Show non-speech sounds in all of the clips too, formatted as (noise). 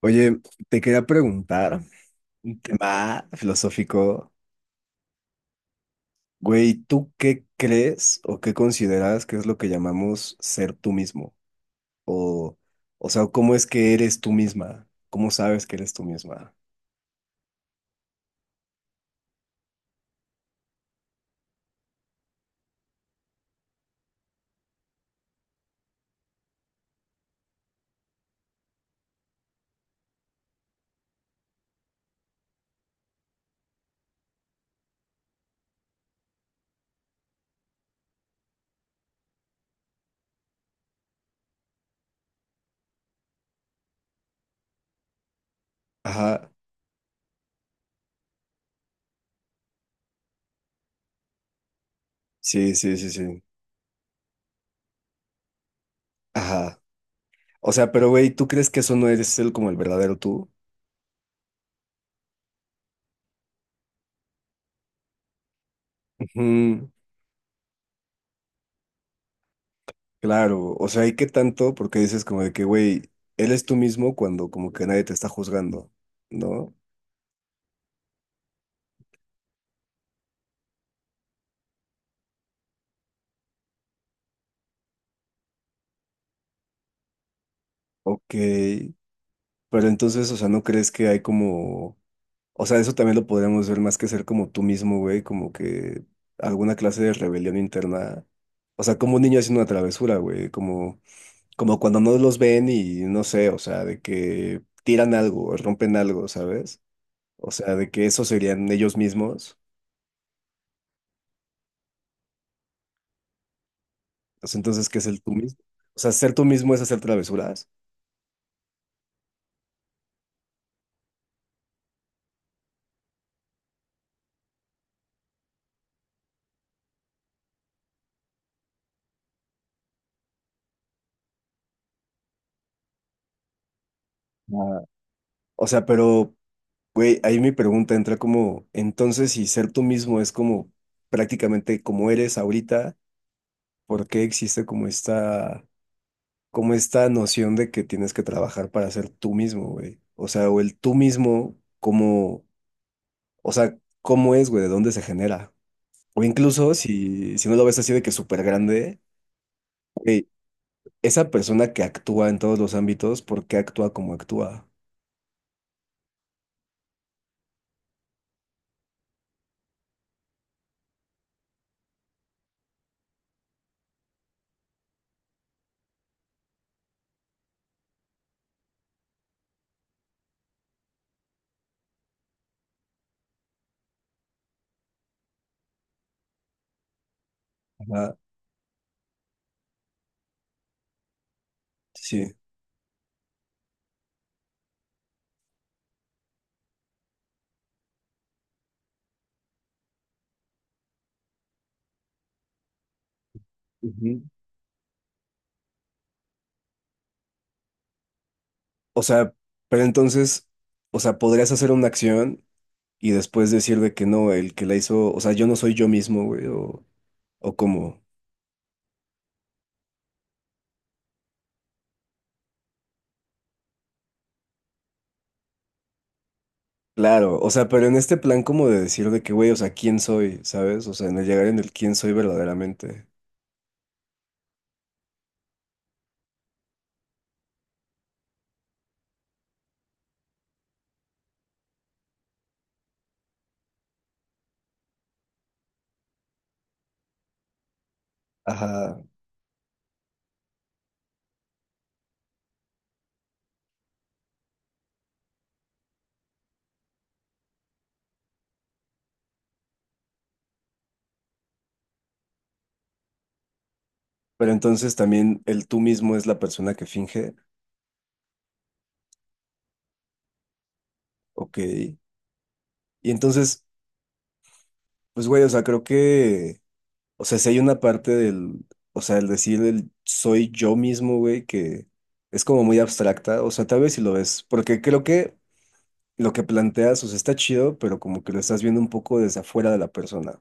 Oye, te quería preguntar un tema filosófico. Güey, ¿tú qué crees o qué consideras que es lo que llamamos ser tú mismo? O, o sea, ¿cómo es que eres tú misma? ¿Cómo sabes que eres tú misma? Ajá, sí, sí, sí, sí. Ajá. O sea, pero güey, ¿tú crees que eso no eres el como el verdadero tú? Ujú. Claro, o sea, ¿y qué tanto? Porque dices como de que, güey, eres tú mismo cuando como que nadie te está juzgando, ¿no? Ok. Pero entonces, o sea, ¿no crees que hay como, o sea, eso también lo podríamos ver más que ser como tú mismo, güey, como que alguna clase de rebelión interna, o sea, como un niño haciendo una travesura, güey, como, como cuando no los ven y no sé, o sea, de que tiran algo, o rompen algo, ¿sabes? O sea, de que eso serían ellos mismos. O sea, entonces, ¿qué es el tú mismo? O sea, ser tú mismo es hacer travesuras. Ah, o sea, pero güey, ahí mi pregunta entra como, entonces si ser tú mismo es como prácticamente como eres ahorita, ¿por qué existe como esta noción de que tienes que trabajar para ser tú mismo, güey? O sea, o el tú mismo, como, o sea, ¿cómo es, güey? ¿De dónde se genera? O incluso si no lo ves así de que súper grande, güey, esa persona que actúa en todos los ámbitos, ¿por qué actúa como actúa? Ajá, sí. Ujú. O sea, pero entonces, o sea, podrías hacer una acción. Y después decir de que no, el que la hizo, o sea, yo no soy yo mismo, güey, o como, claro, o sea, pero en este plan como de decir de que, güey, o sea, ¿quién soy? ¿Sabes? O sea, en el llegar en el quién soy verdaderamente. Ajá. Pero entonces también el tú mismo es la persona que finge, ok. Y entonces, pues, güey, o sea, creo que, o sea, si hay una parte del, o sea, el decir el soy yo mismo, güey, que es como muy abstracta, o sea, tal vez si lo ves, porque creo que... lo que planteas, o sea, está chido, pero como que lo estás viendo un poco desde afuera de la persona,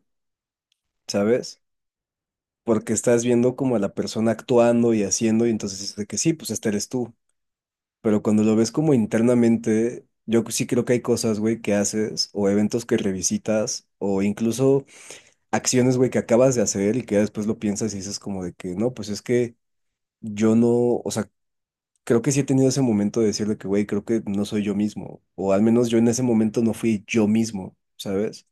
¿sabes? Porque estás viendo como a la persona actuando y haciendo, y entonces es de que sí, pues este eres tú. Pero cuando lo ves como internamente, yo sí creo que hay cosas, güey, que haces, o eventos que revisitas, o incluso acciones, güey, que acabas de hacer y que ya después lo piensas y dices como de que no, pues es que yo no, o sea, creo que sí he tenido ese momento de decir de que, güey, creo que no soy yo mismo, o al menos yo en ese momento no fui yo mismo, ¿sabes?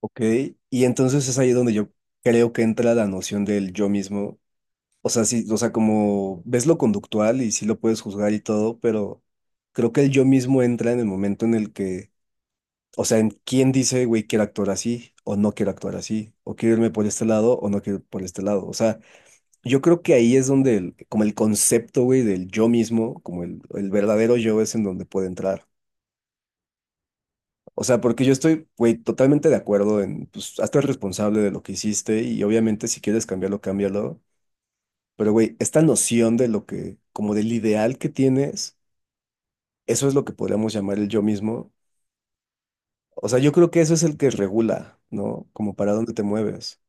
Ok, y entonces es ahí donde yo creo que entra la noción del yo mismo. O sea, sí, o sea, como ves lo conductual y sí lo puedes juzgar y todo, pero creo que el yo mismo entra en el momento en el que, o sea, en quién dice, güey, quiero actuar así o no quiero actuar así, o quiero irme por este lado o no quiero ir por este lado. O sea, yo creo que ahí es donde como el concepto, güey, del yo mismo, como el verdadero yo es en donde puede entrar. O sea, porque yo estoy, güey, totalmente de acuerdo en, pues, hazte responsable de lo que hiciste y obviamente si quieres cambiarlo, cámbialo. Pero, güey, esta noción de lo que, como del ideal que tienes, eso es lo que podríamos llamar el yo mismo. O sea, yo creo que eso es el que regula, ¿no? Como para dónde te mueves.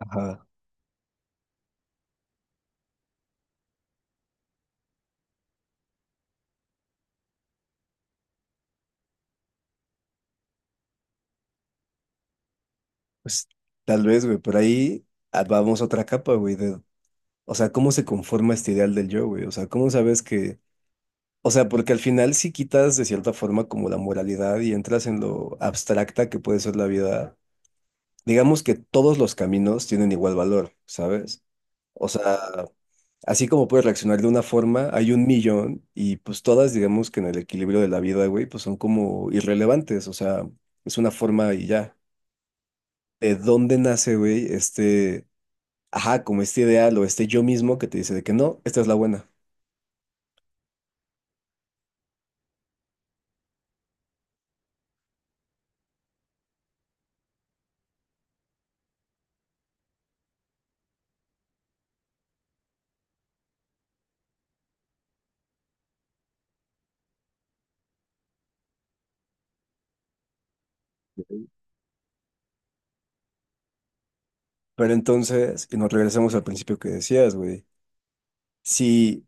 Ajá. Pues tal vez, güey, pero ahí ah, vamos a otra capa, güey, de, o sea, ¿cómo se conforma este ideal del yo, güey? O sea, ¿cómo sabes que o sea, porque al final sí quitas de cierta forma como la moralidad y entras en lo abstracta que puede ser la vida. Digamos que todos los caminos tienen igual valor, ¿sabes? O sea, así como puedes reaccionar de una forma, hay un millón y pues todas, digamos que en el equilibrio de la vida, güey, pues son como irrelevantes, o sea, es una forma y ya. ¿De dónde nace, güey, este, ajá, como este ideal o este yo mismo que te dice de que no, esta es la buena? Pero entonces, y nos regresamos al principio que decías, güey. Si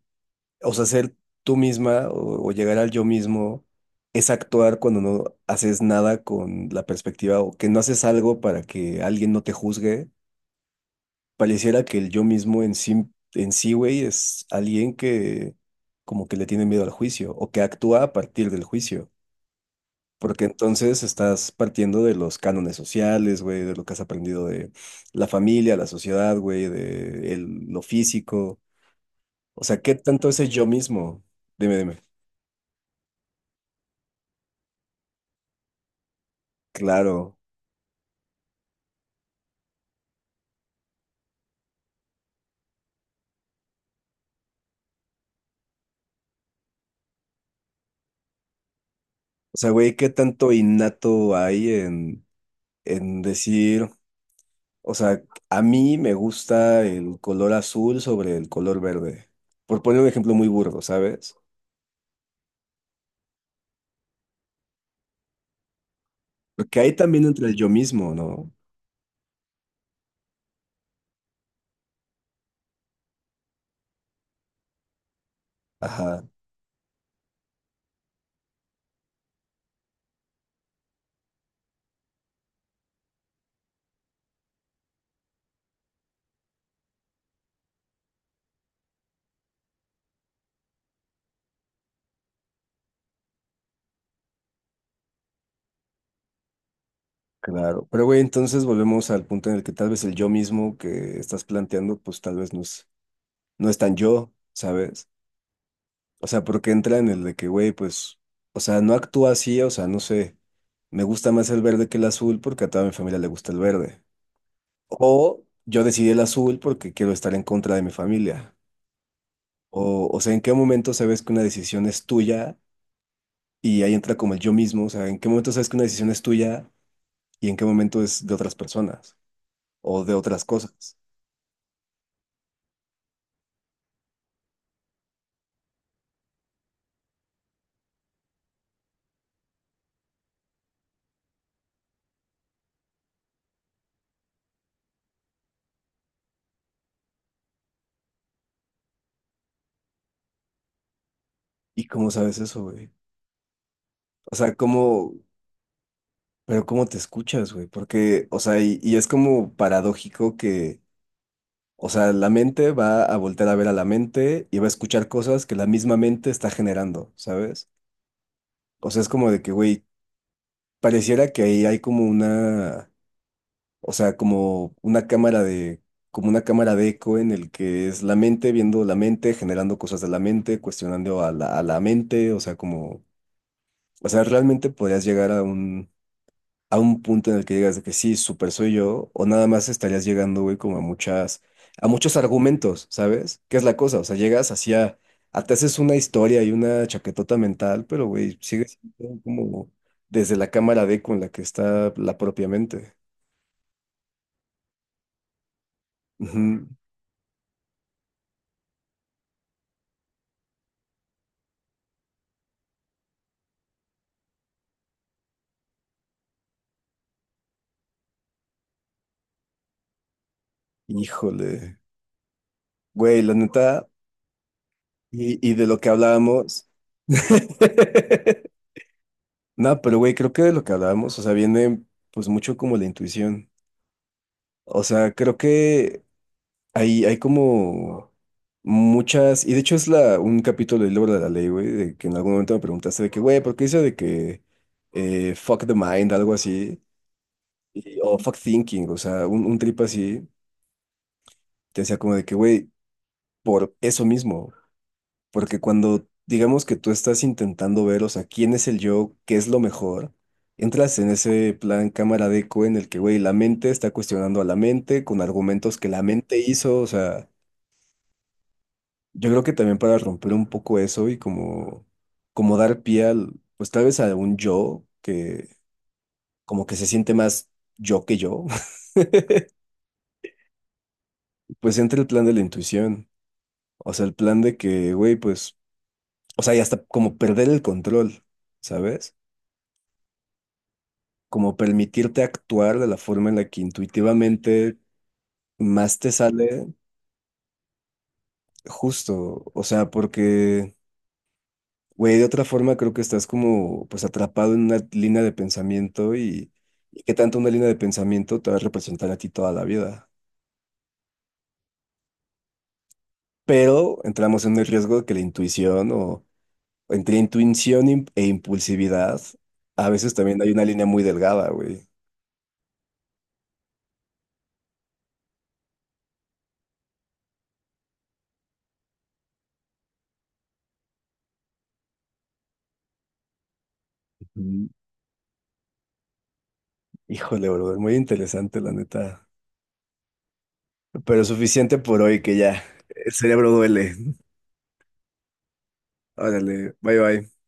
o sea, ser tú misma o llegar al yo mismo es actuar cuando no haces nada con la perspectiva o que no haces algo para que alguien no te juzgue. Pareciera que el yo mismo en sí, güey, es alguien que como que le tiene miedo al juicio o que actúa a partir del juicio. Porque entonces estás partiendo de los cánones sociales, güey, de lo que has aprendido de la familia, la sociedad, güey, de lo físico. O sea, ¿qué tanto es el yo mismo? Dime, dime. Claro. O sea, güey, ¿qué tanto innato hay en decir, o sea, a mí me gusta el color azul sobre el color verde? Por poner un ejemplo muy burdo, ¿sabes? Porque ahí también entra el yo mismo, ¿no? Ajá, claro. Pero, güey, entonces volvemos al punto en el que tal vez el yo mismo que estás planteando, pues tal vez no es, no es tan yo, ¿sabes? O sea, porque entra en el de que, güey, pues, o sea, no actúa así, o sea, no sé, me gusta más el verde que el azul porque a toda mi familia le gusta el verde. O yo decidí el azul porque quiero estar en contra de mi familia. O sea, ¿en qué momento sabes que una decisión es tuya? Y ahí entra como el yo mismo. O sea, ¿en qué momento sabes que una decisión es tuya y en qué momento es de otras personas o de otras cosas? ¿Y cómo sabes eso, güey? O sea, ¿cómo, pero cómo te escuchas, güey? Porque, o sea, y es como paradójico que, o sea, la mente va a voltear a ver a la mente y va a escuchar cosas que la misma mente está generando, ¿sabes? O sea, es como de que, güey, pareciera que ahí hay como una, o sea, como una cámara de, como una cámara de eco en el que es la mente viendo la mente, generando cosas de la mente, cuestionando a la mente, o sea, como, o sea, realmente podrías llegar a un punto en el que digas de que sí, súper soy yo, o nada más estarías llegando, güey, como a muchas, a muchos argumentos, ¿sabes? ¿Qué es la cosa? O sea, llegas hacia, a, te haces una historia y una chaquetota mental, pero, güey, sigues siendo como desde la cámara D con la que está la propia mente. Ujú. Híjole. Güey, la neta, y de lo que hablábamos. (laughs) No, pero güey, creo que de lo que hablábamos, o sea, viene pues mucho como la intuición. O sea, creo que hay como muchas, y de hecho es la, un capítulo del libro de la ley, güey, de que en algún momento me preguntaste de que, güey, ¿por qué dice de que fuck the mind, algo así? O fuck thinking, o sea, un trip así, te decía como de que, güey, por eso mismo, porque cuando digamos que tú estás intentando ver, o sea, quién es el yo, qué es lo mejor, entras en ese plan cámara de eco en el que, güey, la mente está cuestionando a la mente con argumentos que la mente hizo, o sea... Yo creo que también para romper un poco eso y como, como dar pie al, pues tal vez a un yo que como que se siente más yo que yo, (laughs) pues entra el plan de la intuición, o sea, el plan de que, güey, pues, o sea, y hasta como perder el control, ¿sabes? Como permitirte actuar de la forma en la que intuitivamente más te sale justo, o sea, porque... Güey, de otra forma creo que estás como pues atrapado en una línea de pensamiento y qué tanto una línea de pensamiento te va a representar a ti toda la vida. Pero entramos en el riesgo de que la intuición o entre intuición e impulsividad, a veces también hay una línea muy delgada, güey. Ujú. Híjole, brother, muy interesante la neta. Pero suficiente por hoy que ya el cerebro duele. Órale, bye bye.